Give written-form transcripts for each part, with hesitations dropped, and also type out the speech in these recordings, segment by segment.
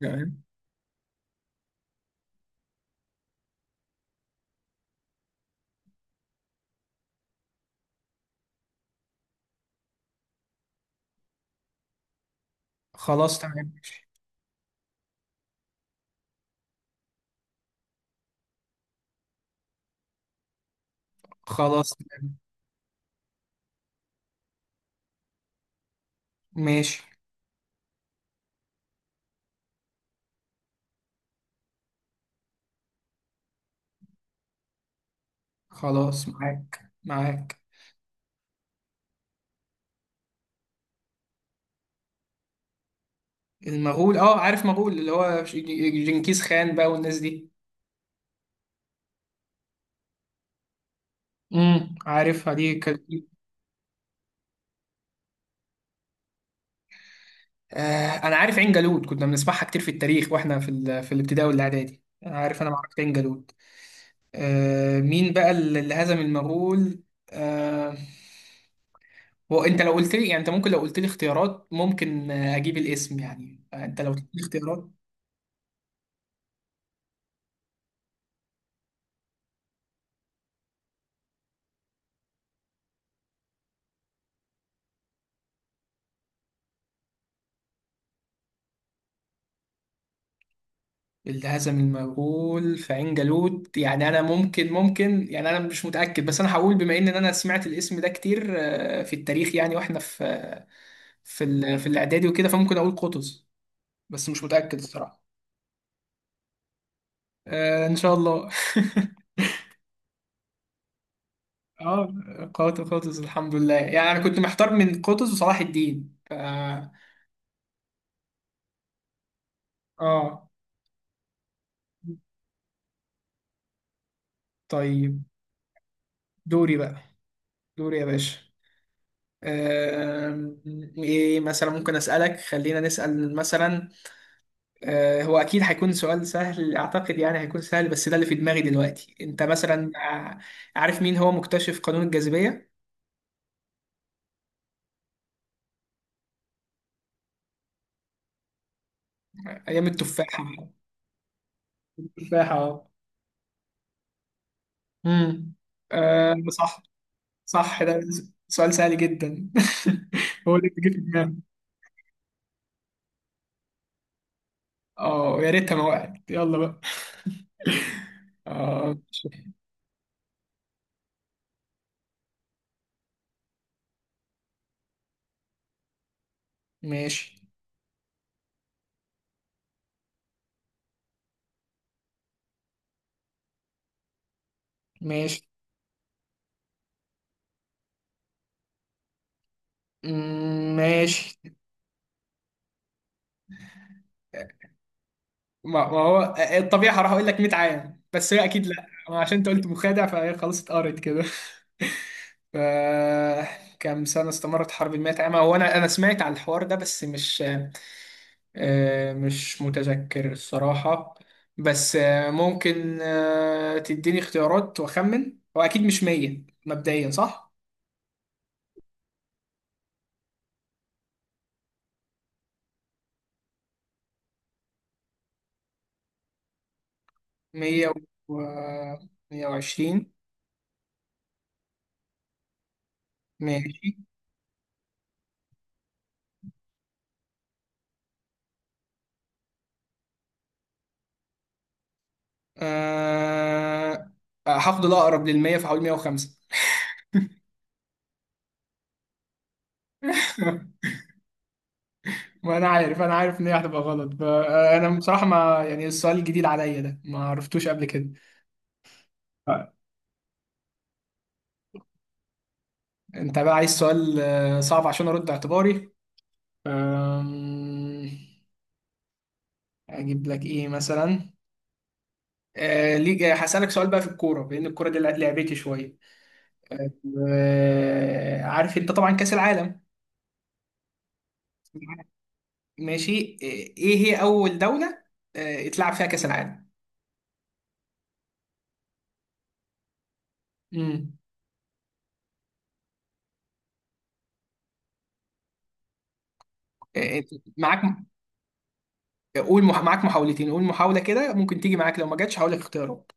تمام. خلاص، تمام، ماشي. خلاص، تمام. ماشي. خلاص، معاك معاك. المغول، اه، عارف مغول اللي هو جنكيز خان بقى والناس دي. عارفها دي كانت. انا عارف عين جالوت، كنا بنسمعها كتير في التاريخ واحنا في في الابتدائي والاعدادي. انا عارف معركة عين جالوت. مين بقى اللي هزم المغول؟ آه. هو انت لو قلت لي، يعني انت ممكن لو قلت لي اختيارات، ممكن اجيب الاسم، يعني انت لو قلت لي اختيارات. الهزم المغول في عين جالوت، يعني انا ممكن، يعني انا مش متاكد، بس انا هقول، بما ان انا سمعت الاسم ده كتير في التاريخ، يعني واحنا في في في الاعدادي وكده، فممكن اقول قطز. بس مش متاكد الصراحه. ان شاء الله. اه. قوات قطز، الحمد لله. يعني انا كنت محتار من قطز وصلاح الدين اه، طيب. دوري بقى، دوري يا باشا. آم، ايه مثلا ممكن اسالك؟ خلينا نسال مثلا، هو اكيد هيكون سؤال سهل اعتقد، يعني هيكون سهل، بس ده اللي في دماغي دلوقتي. انت مثلا عارف مين هو مكتشف قانون الجاذبية؟ ايام التفاحة. التفاحة، اه. امم صح. صح، ده سؤال سهل جدا. هو اللي جه في دماغي. اه، يا ريتها ما وقعت. يلا بقى. اه. ماشي. ماشي. ماشي. ما هو الطبيعي هروح اقول لك 100 عام، بس هي اكيد لا، ما عشان انت قلت مخادع فهي خلاص اتقرت كده. ف كام سنة استمرت حرب المئة عام؟ هو أنا سمعت على الحوار ده، بس مش، مش متذكر الصراحة. بس ممكن تديني اختيارات وأخمن. هو أكيد مش 100 مبدئيا، صح؟ مية و 120. ماشي. أه... هاخد الأقرب للمية، فهقول 105. ما انا عارف، ان هي هتبقى غلط. انا بصراحه، ما يعني السؤال الجديد عليا ده، ما عرفتوش قبل كده. آه، انت بقى عايز سؤال صعب عشان ارد اعتباري. أم، اجيب لك ايه مثلا؟ ليك هسألك سؤال بقى في الكوره، بان الكوره دي لعبتي شويه. عارف انت طبعا كاس العالم؟ ماشي. ايه هي اول دوله اتلعب فيها كاس العالم؟ امم آه، معاك. قول، معاك محاولتين. قول محاوله كده، ممكن تيجي معاك، لو ما جاتش هقول لك اختيارات.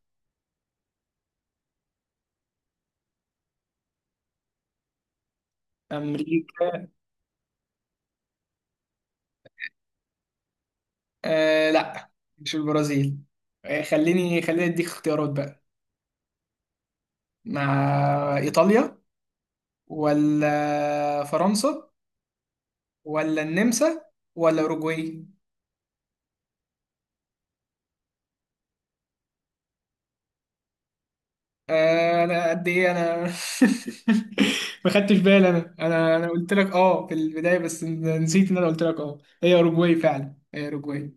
امريكا. لا، مش البرازيل. خليني اديك اختيارات بقى. مع ايطاليا، ولا فرنسا، ولا النمسا، ولا اوروجواي. انا قد ايه انا. ما خدتش بالي، انا، انا قلت لك، اه، في البدايه، بس نسيت ان انا قلت لك، اه، هي اوروجواي. فعلا هي اوروجواي.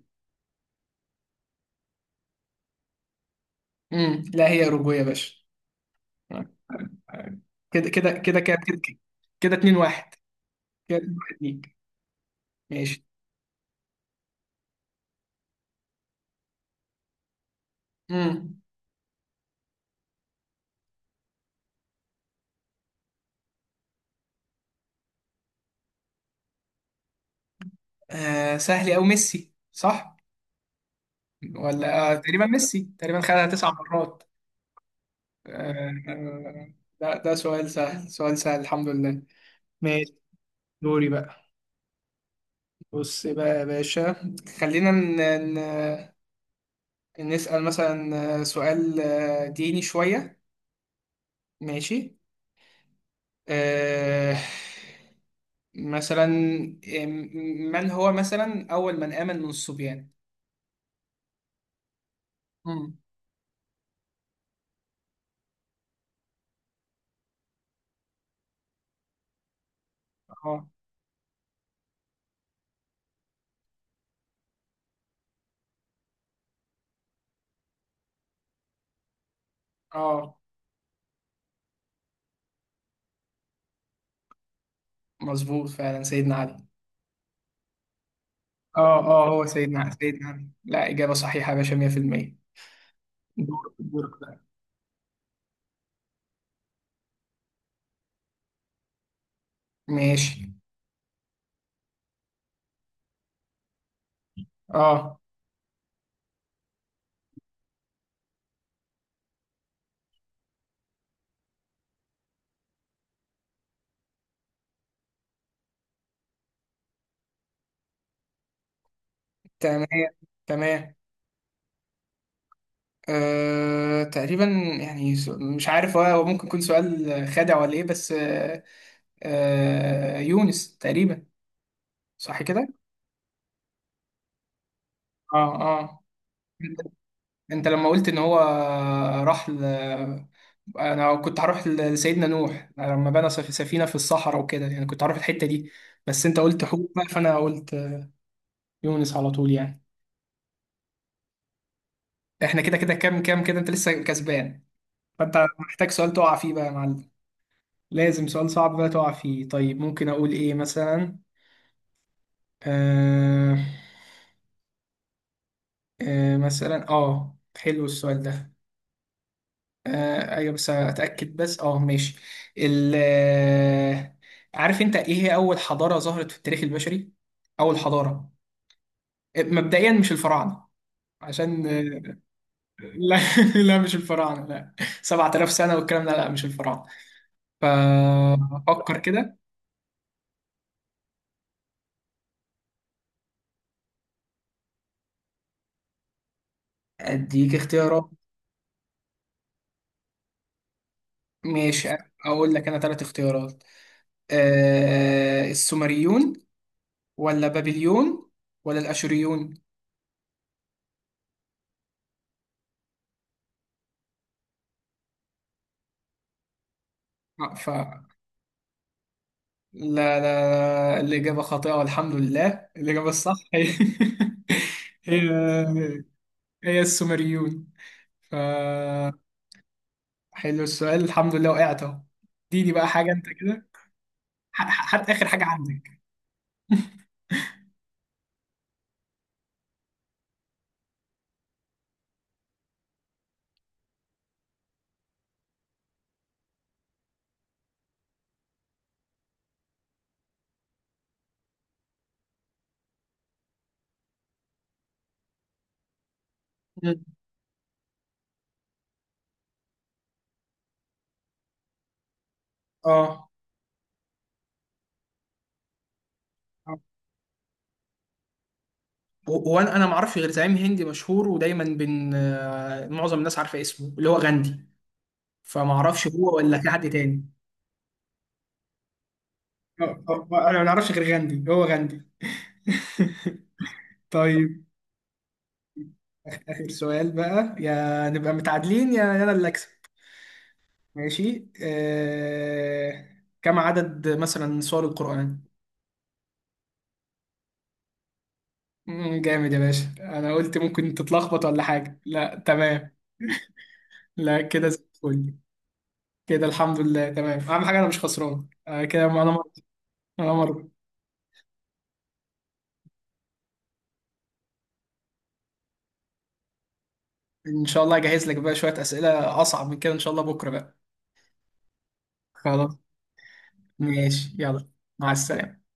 لا، هي اوروجواي يا باشا. كده كده كده كده كده. كده 2-1. كده 2-1 ليك. ماشي. مم. سهل أوي، ميسي، صح؟ ولا، تقريبا ميسي، تقريبا خدها 9 مرات. آه، آه، ده سؤال سهل، سؤال سهل، الحمد لله. ماشي. دوري بقى. بص بقى يا باشا، خلينا ن... نسأل مثلا سؤال ديني شوية. ماشي. آه مثلا، آه، من هو مثلا أول من آمن من الصبيان؟ مم. اه، اه، مظبوط، فعلا سيدنا علي. اه، اه، هو سيدنا علي. لا، إجابة صحيحة يا باشا، 100%. دورك، دورك بقى. ماشي. اه. تمام، تمام. تقريبا، يعني مش عارف. هو ممكن يكون سؤال خادع ولا ايه، بس يونس تقريبا. صح كده؟ اه، اه. انت، أنت لما قلت ان هو راح. انا كنت هروح لسيدنا نوح لما بنى سفينة في الصحراء وكده، يعني كنت هروح الحتة دي. بس انت قلت حوت بقى، فانا قلت يونس على طول يعني. احنا كده كده، كام كده، انت لسه كسبان. فانت محتاج سؤال تقع فيه بقى يا معلم. لازم سؤال صعب بقى تقع فيه. طيب ممكن اقول ايه مثلا؟ آه مثلا، اه، حلو السؤال ده. ايوه، بس اتاكد، بس اه، ماشي. ال آه، عارف انت ايه هي اول حضارة ظهرت في التاريخ البشري؟ اول حضارة. مبدئيا مش الفراعنة. عشان لا، لا، مش الفراعنة، لا. 7000 سنة والكلام ده، لا، مش الفراعنة. ففكر كده. أديك اختيارات. ماشي. أقول لك أنا 3 اختيارات. أه، السومريون، ولا بابليون، ولا الأشوريون. آه، ف لا، لا، لا، الإجابة خاطئة، والحمد لله. الإجابة الصح هي، هي، هي السومريون. ف حلو السؤال، الحمد لله، وقعت أهو. دي بقى حاجة، أنت كده. حتى آخر حاجة عندك. مم. اه. هو انا ما اعرفش غير زعيم هندي مشهور ودايما بين معظم الناس عارفه اسمه، اللي هو غاندي. فما اعرفش هو ولا في حد تاني. انا ما اعرفش غير غاندي، هو غاندي. طيب. اخر سؤال بقى، يا نبقى متعادلين، يا انا اللي اكسب. ماشي. كم عدد مثلا سور القرآن؟ جامد يا باشا. انا قلت ممكن تتلخبط ولا حاجه، لا، تمام. لا، كده زي الفل. كده الحمد لله، تمام. اهم حاجه انا مش خسران، كده. انا مر... ان شاء الله اجهز لك بقى شوية اسئلة اصعب من كده، ان شاء الله، بكرة بقى. خلاص. ماشي. يلا. مع السلامة.